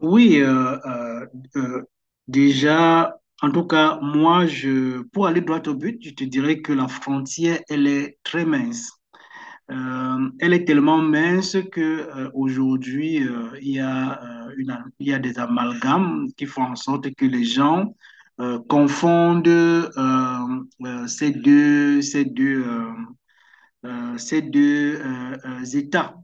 Oui, euh, déjà, en tout cas, moi, pour aller droit au but, je te dirais que la frontière, elle est très mince. Elle est tellement mince que aujourd'hui, il y a, il y a des amalgames qui font en sorte que les gens confondent ces deux, ces deux, ces deux états.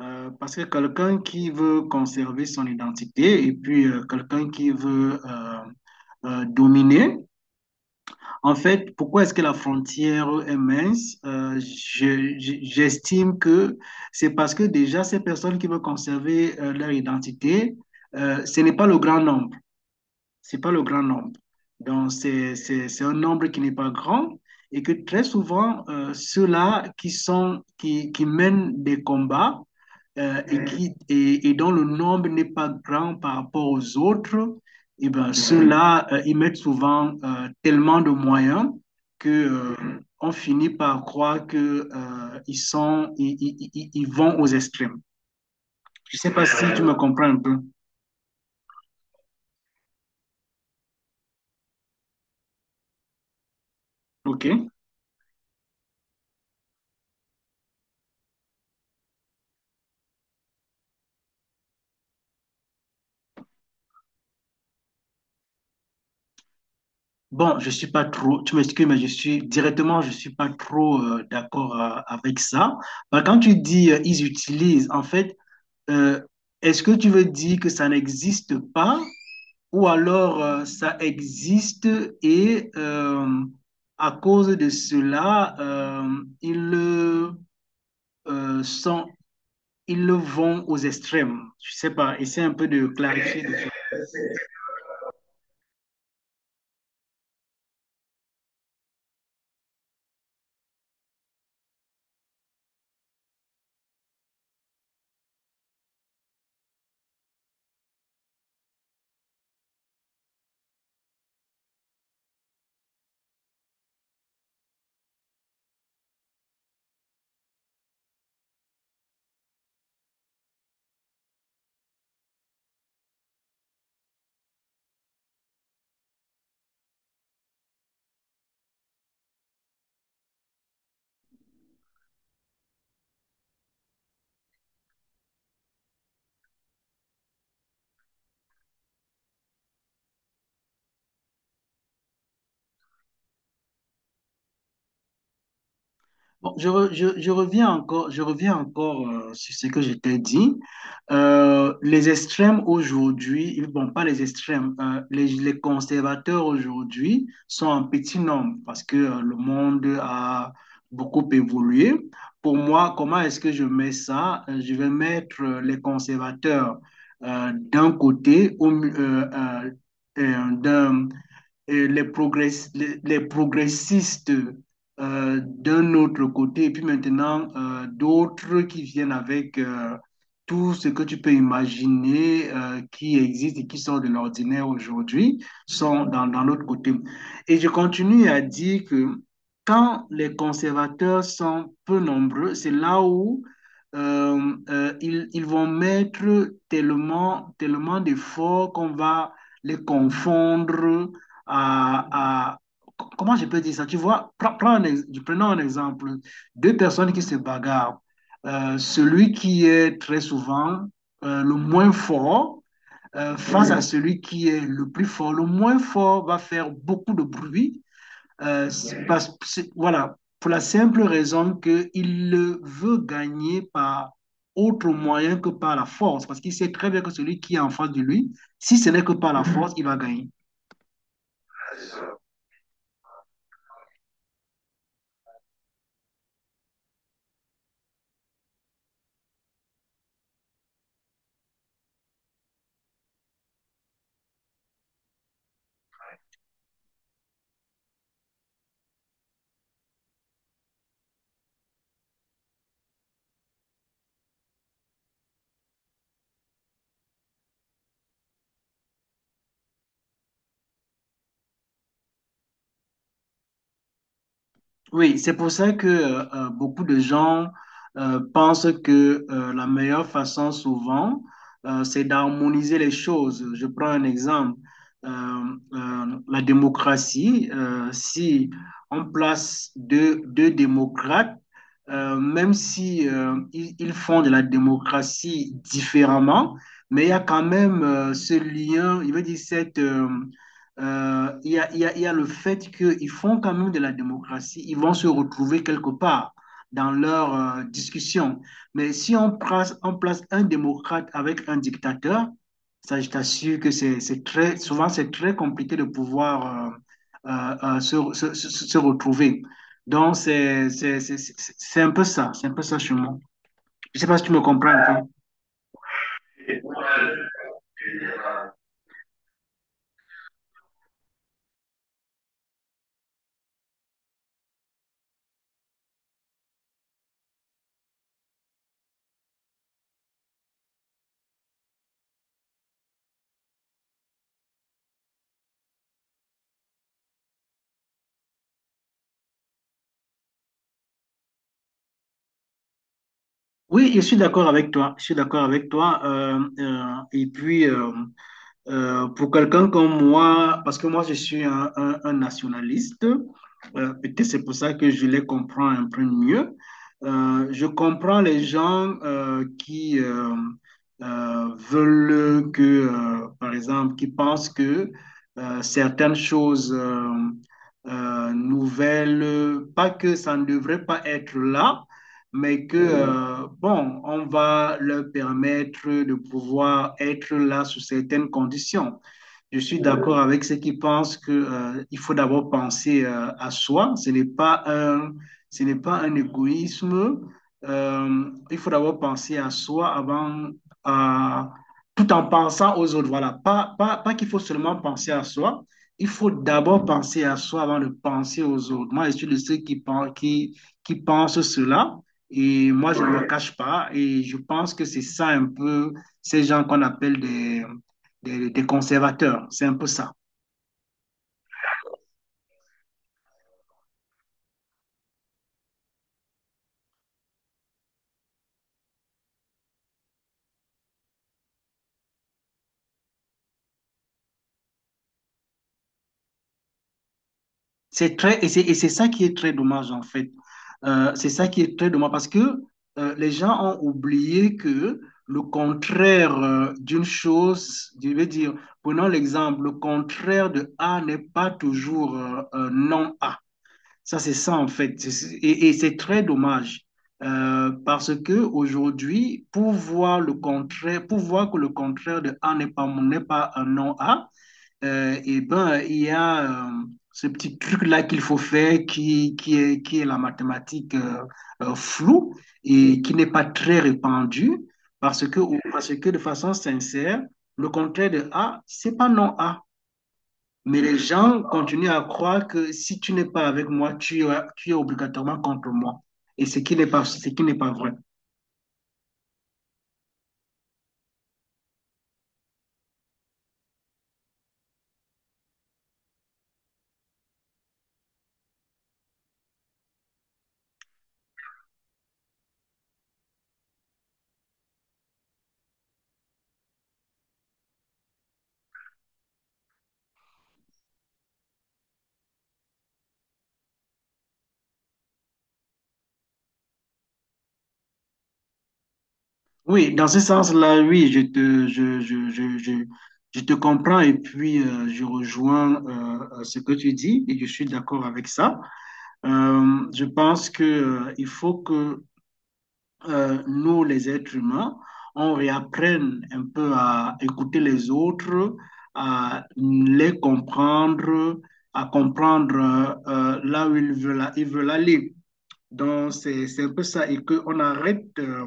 Parce que quelqu'un qui veut conserver son identité et puis quelqu'un qui veut dominer, en fait, pourquoi est-ce que la frontière est mince? J'estime que c'est parce que déjà ces personnes qui veulent conserver leur identité, ce n'est pas le grand nombre. C'est pas le grand nombre. Donc, c'est un nombre qui n'est pas grand et que très souvent, ceux-là qui mènent des combats et dont le nombre n'est pas grand par rapport aux autres, et ben, ceux-là, ils mettent souvent tellement de moyens que on finit par croire que ils sont, ils- ils vont aux extrêmes. Je sais pas si tu me comprends un peu. OK? Bon, je suis pas trop, tu m'excuses, mais je suis directement, je suis pas trop d'accord avec ça. Bah, quand tu dis ils utilisent, en fait, euh, est-ce que tu veux dire que ça n'existe pas ou alors ça existe et à cause de cela, euh, sont, ils le vont aux extrêmes. Je sais pas, essaie un peu de clarifier. Bon, je reviens encore sur ce que je t'ai dit. Les extrêmes aujourd'hui, ils- Bon, pas les extrêmes, les conservateurs aujourd'hui sont en petit nombre parce que le monde a beaucoup évolué. Pour moi, comment est-ce que je mets ça? Je vais mettre les conservateurs d'un côté, au, mi- d'un les progress- les progressistes d'un autre côté, et puis maintenant d'autres qui viennent avec tout ce que tu peux imaginer qui existe et qui sort de l'ordinaire aujourd'hui, sont dans l'autre côté. Et je continue à dire que quand les conservateurs sont peu nombreux, c'est là où ils vont mettre tellement, tellement d'efforts qu'on va les confondre à, à- comment je peux dire ça? Tu vois, prenons un exemple. Deux personnes qui se bagarrent. Celui qui est très souvent le moins fort face à celui qui est le plus fort. Le moins fort va faire beaucoup de bruit. Voilà, pour la simple raison qu'il le veut gagner par autre moyen que par la force, parce qu'il sait très bien que celui qui est en face de lui, si ce n'est que par la force, il va gagner. Oui, c'est pour ça que beaucoup de gens pensent que la meilleure façon souvent, c'est d'harmoniser les choses. Je prends un exemple. Euh, la démocratie, si on place deux démocrates, même si ils font de la démocratie différemment, mais il y a quand même ce lien, il veut dire il y a, il y a le fait qu'ils font quand même de la démocratie, ils vont se retrouver quelque part dans leur discussion. Mais si on place, on place un démocrate avec un dictateur, ça, je t'assure que c'est très, souvent, c'est très compliqué de pouvoir se retrouver. Donc, c'est un peu ça, c'est un peu ça chez moi. Je ne sais pas si tu me comprends un peu. Oui, je suis d'accord avec toi. Je suis d'accord avec toi. Et puis, pour quelqu'un comme moi, parce que moi, je suis un nationaliste, peut-être c'est pour ça que je les comprends un peu mieux. Je comprends les gens qui veulent que, par exemple, qui pensent que certaines choses nouvelles, pas que ça ne devrait pas être là mais que, bon, on va leur permettre de pouvoir être là sous certaines conditions. Je suis d'accord avec ceux qui pensent que, il faut d'abord penser à soi. Ce n'est pas un égoïsme. Il faut d'abord penser à soi avant, à- tout en pensant aux autres. Voilà. Pas qu'il faut seulement penser à soi. Il faut d'abord penser à soi avant de penser aux autres. Moi, je suis de ceux qui pensent cela. Et moi, je ne me cache pas. Et je pense que c'est ça un peu ces gens qu'on appelle des conservateurs. C'est un peu ça. C'est ça qui est très dommage, en fait. C'est ça qui est très dommage parce que les gens ont oublié que le contraire d'une chose, je vais dire, prenons l'exemple, le contraire de A n'est pas toujours non A. Ça, c'est ça, en fait. Et c'est très dommage. Parce que aujourd'hui, pour voir le contraire, pour voir que le contraire de A n'est pas un non A, et ben, il y a ce petit truc-là qu'il faut faire qui est la mathématique floue et qui n'est pas très répandue parce que de façon sincère, le contraire de A, c'est pas non A. Mais les gens continuent à croire que si tu n'es pas avec moi, tu es obligatoirement contre moi. Ce qui n'est pas vrai. Oui, dans ce sens-là, oui, je te comprends et puis je rejoins ce que tu dis et je suis d'accord avec ça. Je pense que il faut que nous, les êtres humains, on réapprenne un peu à écouter les autres, à les comprendre, à comprendre là où ils veulent aller. Donc, c'est un peu ça et qu'on arrête. euh,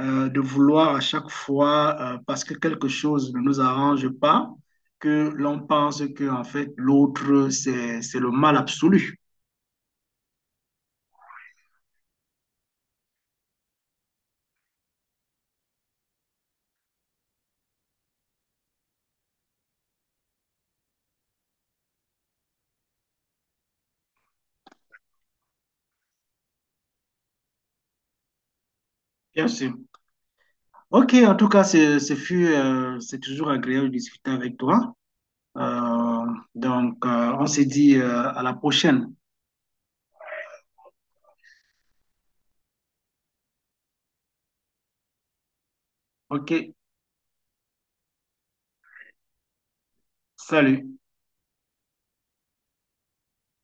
euh, De vouloir à chaque fois, parce que quelque chose ne nous arrange pas, que l'on pense que en fait l'autre, c'est le mal absolu. Bien sûr. Ok, en tout cas, ce fut, c'est toujours agréable de discuter avec toi. Euh, donc, on se dit à la prochaine. Ok, salut.